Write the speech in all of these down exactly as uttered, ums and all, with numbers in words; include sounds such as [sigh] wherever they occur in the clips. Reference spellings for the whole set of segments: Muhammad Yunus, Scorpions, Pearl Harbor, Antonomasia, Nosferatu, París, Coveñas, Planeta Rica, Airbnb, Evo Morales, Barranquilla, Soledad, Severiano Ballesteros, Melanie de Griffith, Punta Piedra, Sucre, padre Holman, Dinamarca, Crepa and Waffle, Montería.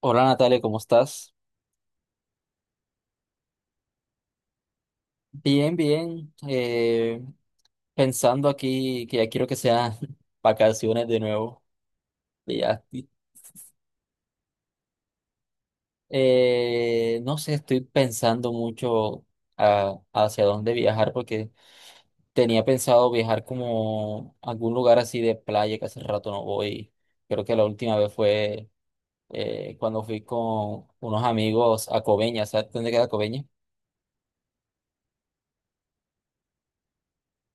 Hola Natalia, ¿cómo estás? Bien, bien. Eh, pensando aquí que ya quiero que sean [laughs] vacaciones de nuevo. que ya- eh, no sé, estoy pensando mucho a- hacia dónde viajar, porque tenía pensado viajar como a algún lugar así de playa que hace rato no voy. Creo que la última vez fue eh, cuando fui con unos amigos a Coveñas. ¿Sabes dónde queda Coveñas?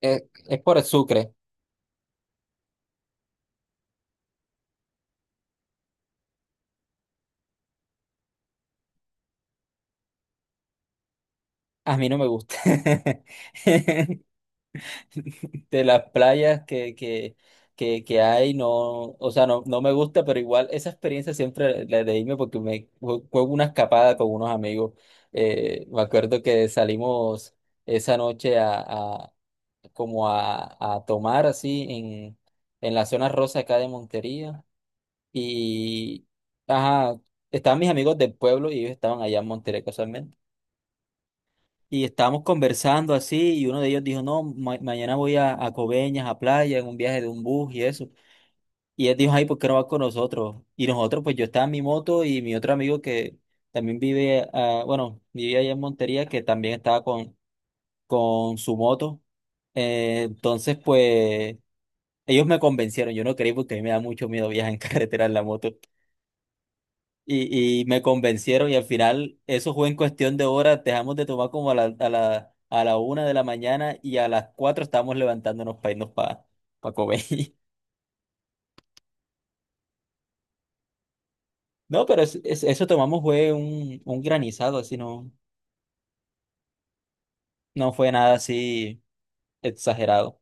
Eh, es por el Sucre. A mí no me gusta. [laughs] [laughs] De las playas que, que, que, que hay, no, o sea, no, no me gusta, pero igual esa experiencia siempre la de irme, porque me fue fue una escapada con unos amigos. Eh, me acuerdo que salimos esa noche a, a- como a, a tomar así en, en la zona rosa acá de Montería. Y ajá, estaban mis amigos del pueblo y ellos estaban allá en Montería casualmente. Y estábamos conversando así y uno de ellos dijo, no, ma- mañana voy a, a Coveñas, a playa, en un viaje de un bus y eso. Y él dijo, ay, ¿por qué no vas con nosotros? Y nosotros, pues yo estaba en mi moto y mi otro amigo que también vive, ah, bueno, vivía allá en Montería, que también estaba con, con su moto. Eh, entonces, pues ellos me convencieron, yo no creí porque a mí me da mucho miedo viajar en [laughs] carretera en la moto. Y, y me convencieron y al final eso fue en cuestión de horas, dejamos de tomar como a la, a la, a la una de la mañana y a las cuatro estábamos levantándonos para irnos para comer. [laughs] No, pero es- es- eso tomamos fue un, un granizado, así no, no fue nada así exagerado.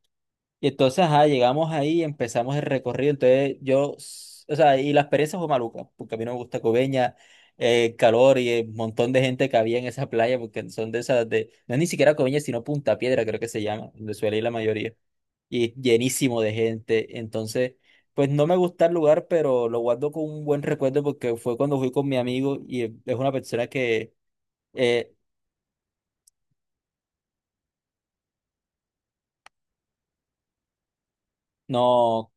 Y entonces, ajá, llegamos ahí y empezamos el recorrido. Entonces, yo, s- o sea, y la experiencia fue maluca, porque a mí no me gusta Coveña, eh, el calor y el montón de gente que había en esa playa, porque son de esas de, no es ni siquiera Coveña, sino Punta Piedra, creo que se llama, donde suele ir la mayoría. Y es llenísimo de gente. Entonces, pues no me gusta el lugar, pero lo guardo con un buen recuerdo porque fue cuando fui con mi amigo y es una persona que eh, no.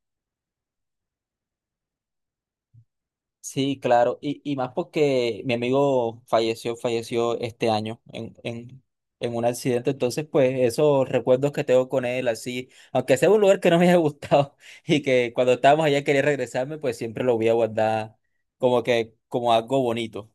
Sí, claro, y, y más porque mi amigo falleció, falleció este año en, en, en un accidente, entonces pues esos recuerdos que tengo con él, así, aunque sea un lugar que no me haya gustado [laughs] y que cuando estábamos allá quería regresarme, pues siempre lo voy a guardar como que como algo bonito,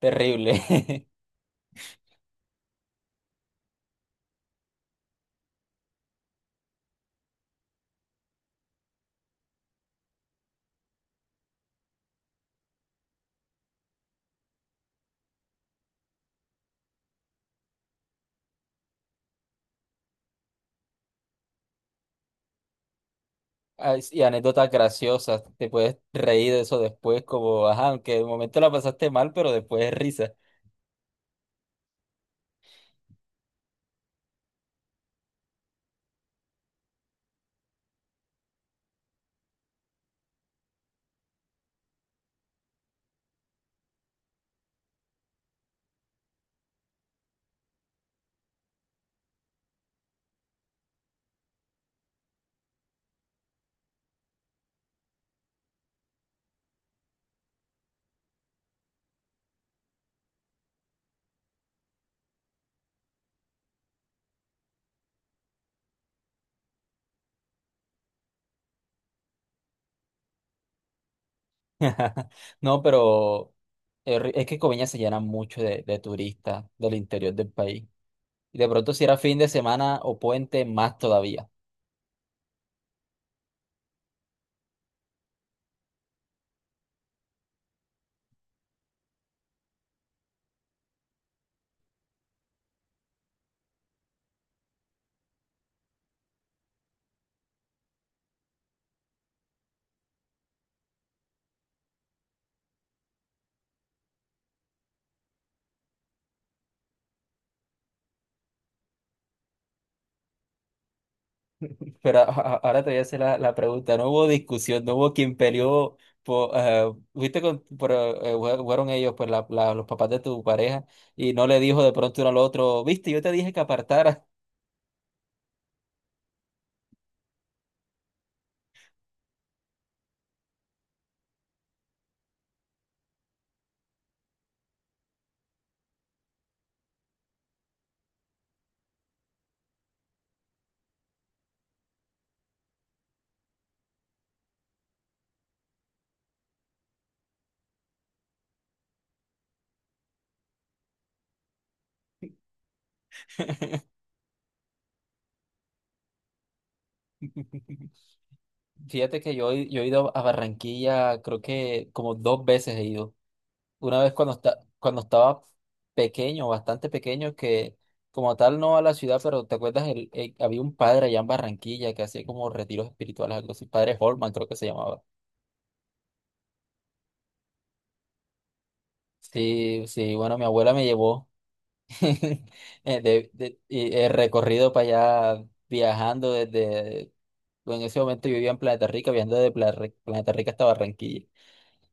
terrible. [laughs] Ay, y anécdotas graciosas, te puedes reír de eso después, como, ajá, aunque de momento la pasaste mal, pero después es risa. [laughs] No, pero es ri- es que Coveña se llena mucho de, de turistas del interior del país. Y de pronto si era fin de semana o puente, más todavía. Pero a- a- ahora te voy a hacer la, la pregunta. No hubo discusión, no hubo quien peleó. Por, eh, viste, con, por, eh, fue- fueron ellos, pues la- la- los papás de tu pareja, y no le dijo de pronto uno al otro, viste, yo te dije que apartara. [laughs] Fíjate que yo, he- yo he ido a Barranquilla, creo que como dos veces he ido. Una vez cuando, esta- cuando estaba pequeño, bastante pequeño, que como tal no a la ciudad, pero ¿te acuerdas? El, el- había un padre allá en Barranquilla que hacía como retiros espirituales, algo así, padre Holman creo que se llamaba. Sí, sí, bueno, mi abuela me llevó [laughs] eh, de, de- y el recorrido para allá viajando desde, en ese momento yo vivía en Planeta Rica, viajando desde Pla- Planeta Rica hasta Barranquilla.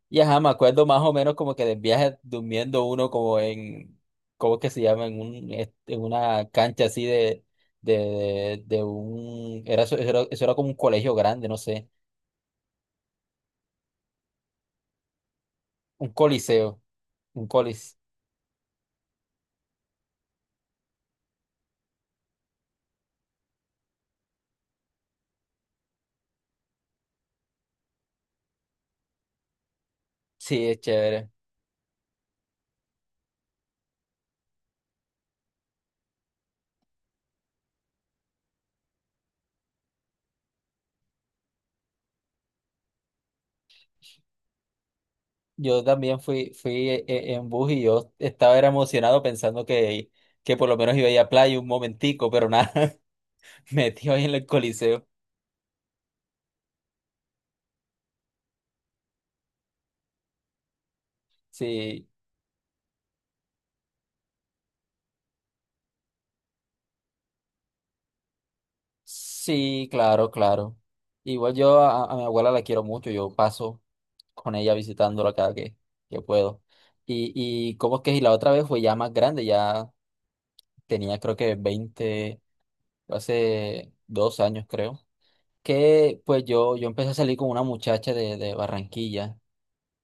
Y ajá, me acuerdo más o menos como que del viaje durmiendo uno como en, ¿cómo es que se llama? En un, es- en una cancha así de, de, de, de un, era, eso eso era, eso era como un colegio grande, no sé, un coliseo, un colis. Sí, es chévere. Yo también fui, fui e- e- en bus y yo estaba era emocionado pensando que, que por lo menos iba a ir a playa un momentico, pero nada, [laughs] metido ahí en el coliseo. Sí, sí, claro, claro. Igual yo a, a mi abuela la quiero mucho, yo paso con ella visitándola cada que, que puedo. Y, y cómo es que y la otra vez fue ya más grande, ya tenía creo que veinte, hace dos años creo, que pues yo, yo empecé a salir con una muchacha de, de Barranquilla,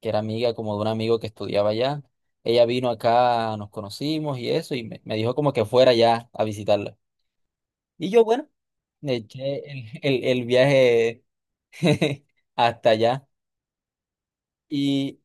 que era amiga como de un amigo que estudiaba allá. Ella vino acá, nos conocimos y eso, y me, me dijo como que fuera ya a visitarla. Y yo, bueno, me eché el, el el viaje [laughs] hasta allá. Y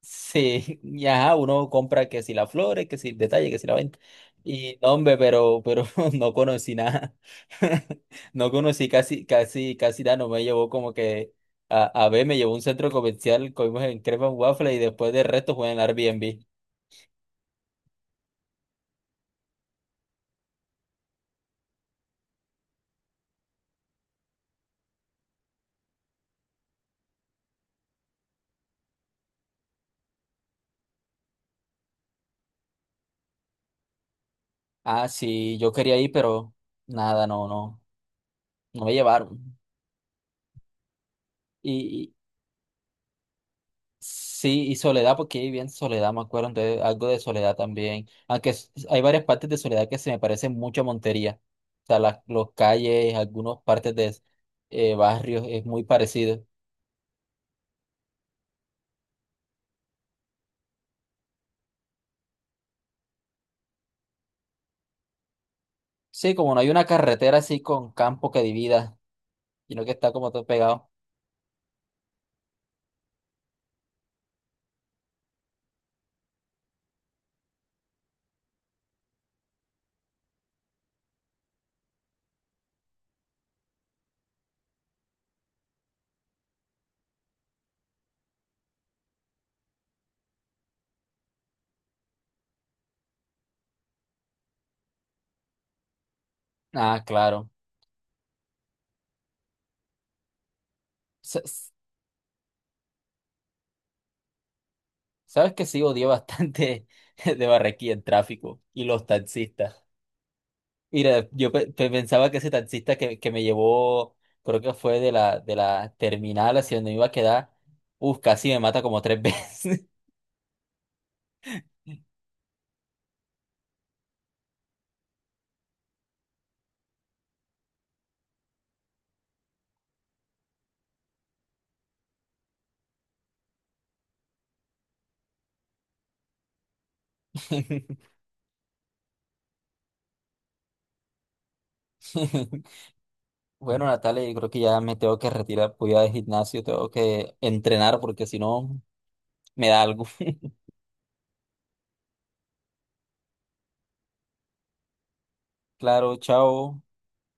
sí, [laughs] y ajá, uno compra que si las flores, que si el detalle, que si la venta. Y no, hombre, pero, pero [laughs] no conocí nada. [laughs] No conocí casi, casi, casi nada. No me llevó como que a, a ver, me llevó a un centro comercial, comimos en Crepa and Waffle y después del resto fue en el Airbnb. Ah, sí, yo quería ir, pero nada, no, no, no me llevaron. Sí, y Soledad, porque ahí bien Soledad, me acuerdo, entonces, algo de Soledad también. Aunque s- hay varias partes de Soledad que se me parecen mucho a Montería. O sea, las los calles, algunas partes de eh, barrios, es muy parecido. Sí, como no hay una carretera así con campo que divida, sino que está como todo pegado. Ah, claro. Sa- s- Sabes que sí odié bastante [laughs] de Barranquilla el tráfico y los taxistas. Mira, yo pe- pe- pensaba que ese taxista que, que me llevó, creo que fue de la, de la terminal hacia donde me iba a quedar, uf, casi me mata como tres veces. [laughs] Bueno, Natalia, yo creo que ya me tengo que retirar, voy al gimnasio, tengo que entrenar porque si no me da algo. [laughs] Claro, chao.